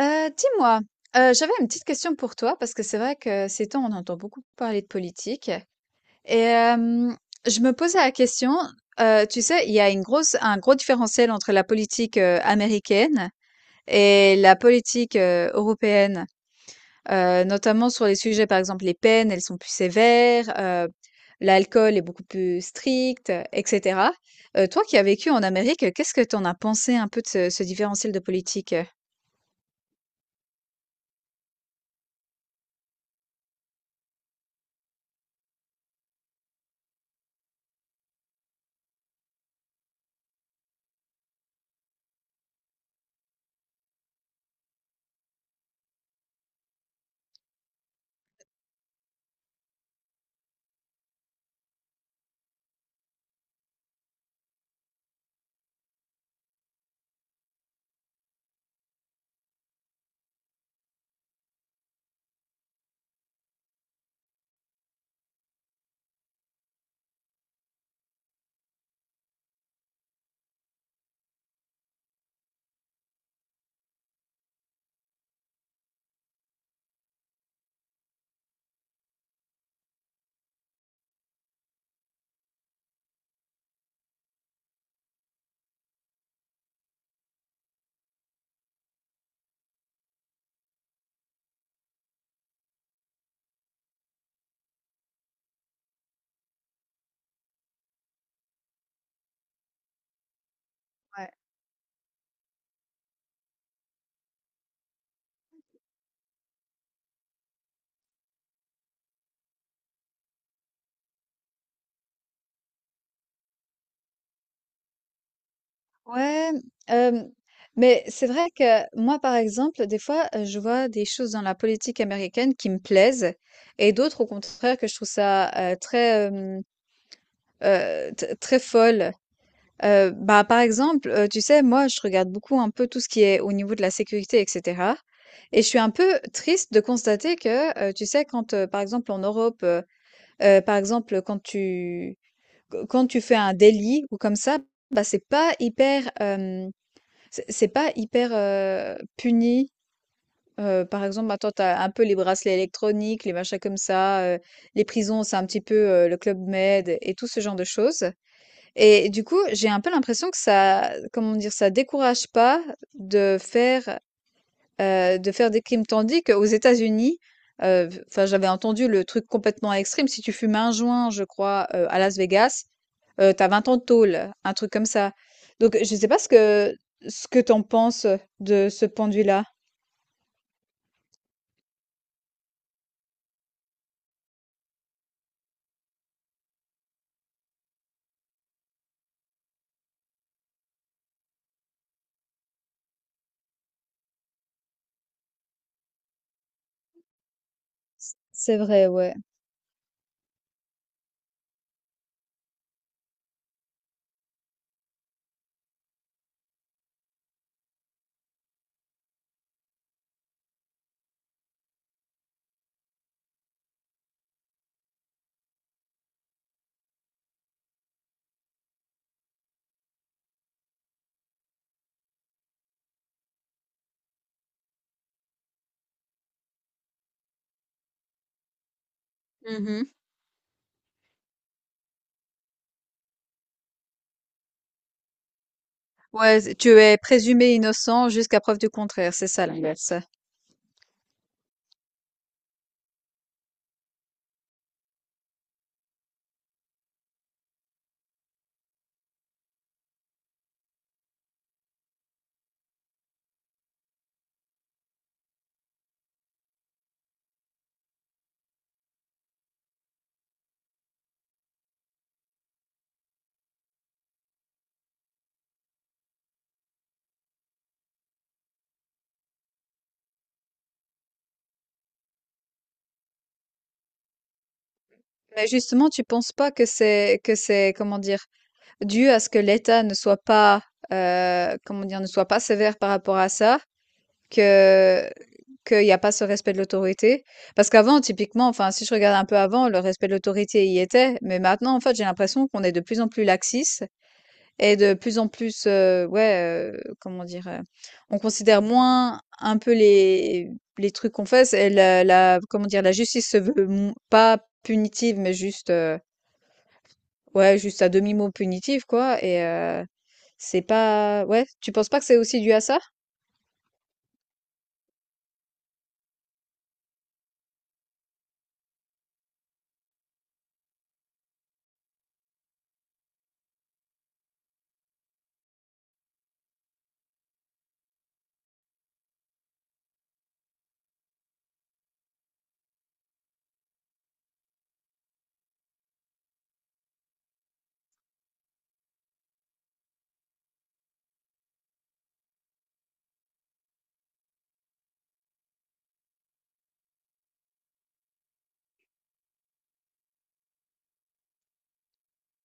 Dis-moi, j'avais une petite question pour toi parce que c'est vrai que ces temps, on entend beaucoup parler de politique et je me posais la question. Tu sais, il y a une grosse un gros différentiel entre la politique américaine et la politique européenne, notamment sur les sujets, par exemple, les peines, elles sont plus sévères, l'alcool est beaucoup plus strict, et cetera. Toi qui as vécu en Amérique, qu'est-ce que tu en as pensé un peu de ce différentiel de politique? Ouais. Ouais, hem, mais c'est vrai que moi, par exemple, des fois, je vois des choses dans la politique américaine qui me plaisent, et d'autres, au contraire, que je trouve ça, très, hem, t très folle. Par exemple, tu sais, moi, je regarde beaucoup un peu tout ce qui est au niveau de la sécurité, et cetera, et je suis un peu triste de constater que, tu sais, quand, par exemple, en Europe... Par exemple, quand tu q quand tu fais un délit ou comme ça, bah, c'est pas hyper, hem, c'est pas hyper, puni. Par exemple, maintenant, tu as un peu les bracelets électroniques, les machins comme ça, les prisons, c'est un petit peu, le Club Med et tout ce genre de choses, et du coup, j'ai un peu l'impression que ça, comment dire? Ça décourage pas de faire... De faire des crimes, tandis qu'aux États-Unis, enfin, j'avais entendu le truc complètement extrême, si tu fumes un joint, je crois, à Las Vegas, tu as 20 ans de tôle, un truc comme ça. Donc je sais pas ce que t'en penses, de ce point de vue-là? C'est vrai, ouais. Mmh. Ouais, tu es présumé innocent jusqu'à preuve du contraire, c'est ça l'inverse. Mais justement, tu penses pas que c'est, comment dire, dû à ce que l'État ne soit pas, comment dire, ne soit pas sévère par rapport à ça, que qu'il n'y a pas ce respect de l'autorité, parce qu'avant, typiquement, enfin, si je regarde un peu avant, le respect de l'autorité y était, mais maintenant, en fait, j'ai l'impression qu'on est de plus en plus laxiste. Et de plus en plus, ouais, comment dire? On considère moins un peu les trucs qu'on fait. C'est la, comment dire? La justice se veut m pas punitive, mais juste, ouais, juste à demi-mot punitive, quoi. Et c'est pas ouais, tu penses pas que c'est aussi dû à ça?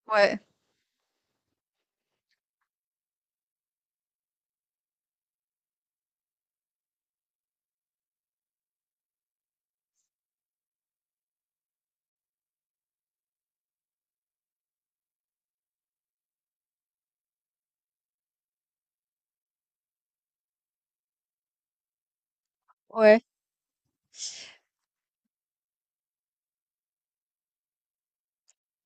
Ouais. Ouais. Ouais.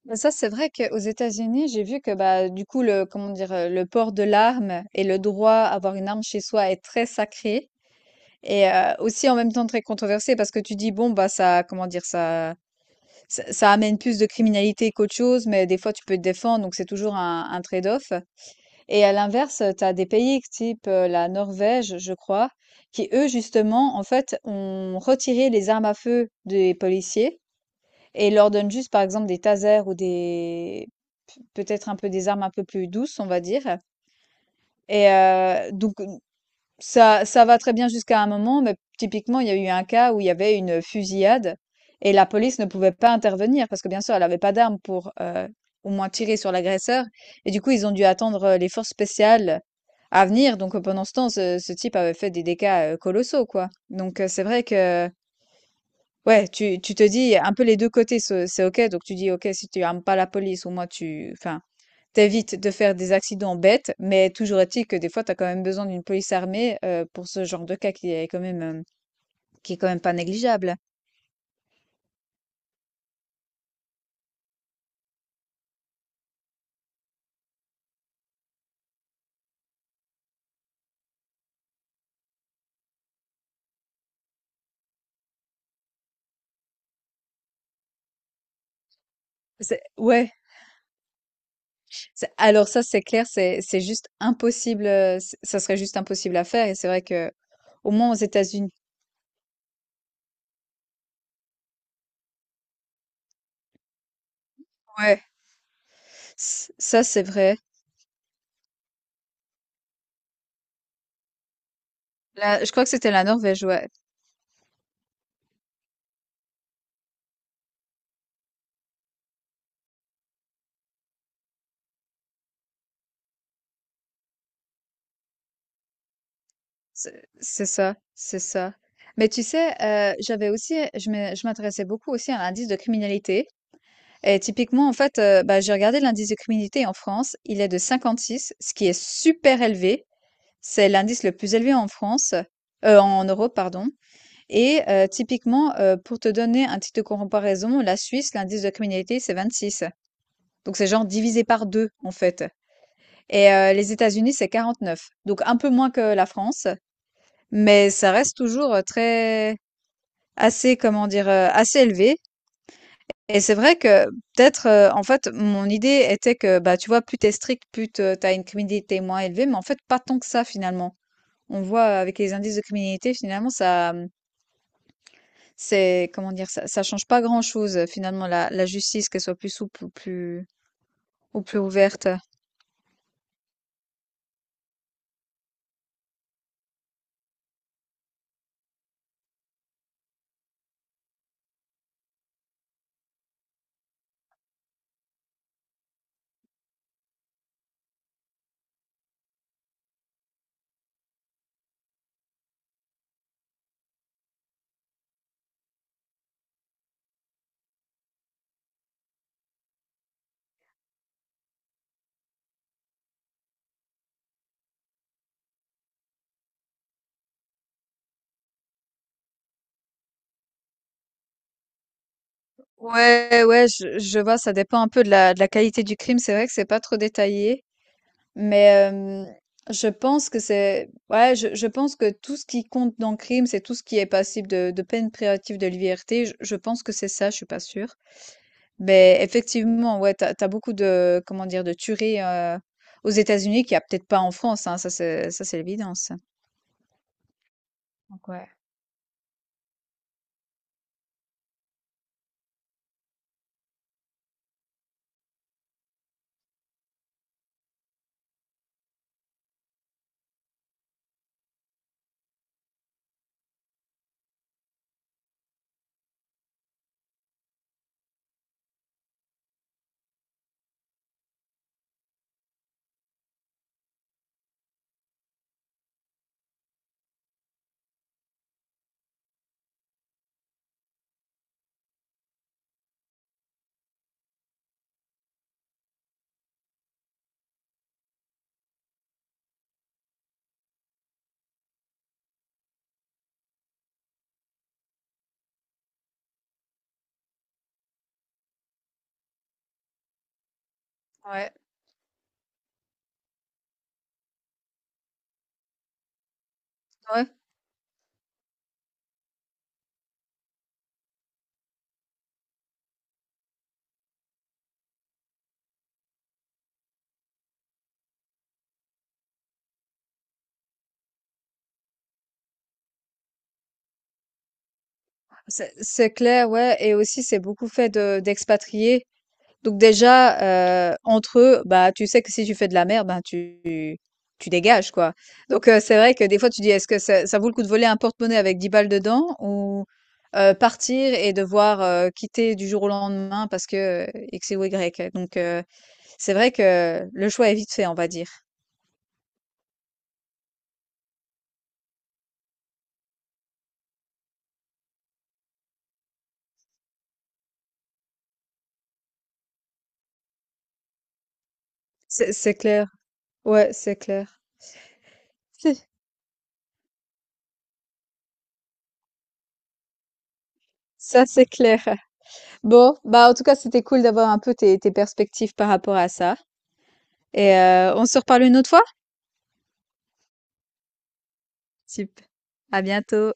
Bah, ça, c'est vrai qu'aux États-Unis, j'ai vu que, bah du coup le comment dire, le port de l'arme et le droit à avoir une arme chez soi est très sacré, et aussi en même temps très controversé parce que tu dis: «Bon, bah, ça, comment dire? Ça amène plus de criminalité qu'autre chose, mais des fois tu peux te défendre, donc c'est toujours un trade-off», et à l'inverse, tu as des pays type, la Norvège, je crois, qui eux justement, en fait, ont retiré les armes à feu des policiers, et leur donne juste, par exemple, des tasers, ou des peut-être un peu des armes un peu plus douces, on va dire. Et donc ça va très bien jusqu'à un moment, mais typiquement, il y a eu un cas où il y avait une fusillade, et la police ne pouvait pas intervenir parce que, bien sûr, elle avait pas d'armes pour, au moins tirer sur l'agresseur, et du coup, ils ont dû attendre, les forces spéciales à venir. Donc pendant ce temps, ce type avait fait des dégâts, colossaux, quoi. Donc c'est vrai que... Ouais, tu te dis un peu les 2 côtés, ce c'est OK. Donc tu dis: «OK, si tu armes pas la police, au moins tu enfin, t'évites de faire des accidents bêtes», mais toujours est-il que des fois, tu as quand même besoin d'une police armée, pour ce genre de cas qui est quand même, pas négligeable. C'est ouais, c'est Alors ça, c'est clair, c'est juste impossible. Ç Ça serait juste impossible à faire, et c'est vrai que... Au moins aux États-Unis. Ouais, ç ça, c'est vrai. Là, je crois que c'était la Norvège, ouais. C'est ça, c'est ça. Mais tu sais, j'avais aussi je me je m'intéressais beaucoup aussi à l'indice de criminalité, et typiquement, en fait, j'ai regardé l'indice de criminalité en France, il est de 56, ce qui est super élevé. C'est l'indice le plus élevé en France, en Europe, pardon. Et typiquement, pour te donner un titre de comparaison, la Suisse, l'indice de criminalité, c'est 26. Donc c'est genre divisé par 2, en fait. Et les États-Unis, c'est 49, donc un peu moins que la France, mais ça reste toujours très assez, comment dire, assez élevé. Et c'est vrai que peut-être en fait, mon idée était que, bah, tu vois, plus t'es strict, plus t'as une criminalité moins élevée, mais en fait pas tant que ça, finalement. On voit, avec les indices de criminalité, finalement ça c'est comment dire, ça change pas grand-chose, finalement, la justice, qu'elle soit plus souple ou plus ouverte. Ouais, ouais, je vois, ça dépend un peu de la qualité du crime. C'est vrai que c'est pas trop détaillé, mais je pense que je pense que tout ce qui compte dans le crime, c'est tout ce qui est passible de peine privative de liberté. Je pense que c'est ça, je suis pas sûre. Mais effectivement, ouais, t'as as beaucoup de, comment dire? De tueries, aux États-Unis qu'il y a peut-être pas en France, hein, ça c'est l'évidence. Donc ouais, ouais. Ouais, c'est clair, ouais, et aussi c'est beaucoup fait de d'expatriés. Donc déjà, entre eux, bah, tu sais que si tu fais de la merde, ben, tu dégages, quoi. Donc c'est vrai que des fois tu dis: «Est-ce que ça vaut le coup de voler un porte-monnaie avec 10 balles dedans, ou, partir et devoir, quitter du jour au lendemain parce que, X ou Y?» Donc c'est vrai que le choix est vite fait, on va dire. C'est clair. Ouais, c'est clair. Si. Ça, c'est clair. Bon, bah, en tout cas, c'était cool d'avoir un peu tes perspectives par rapport à ça. Et on se reparle une autre fois? Super. À bientôt.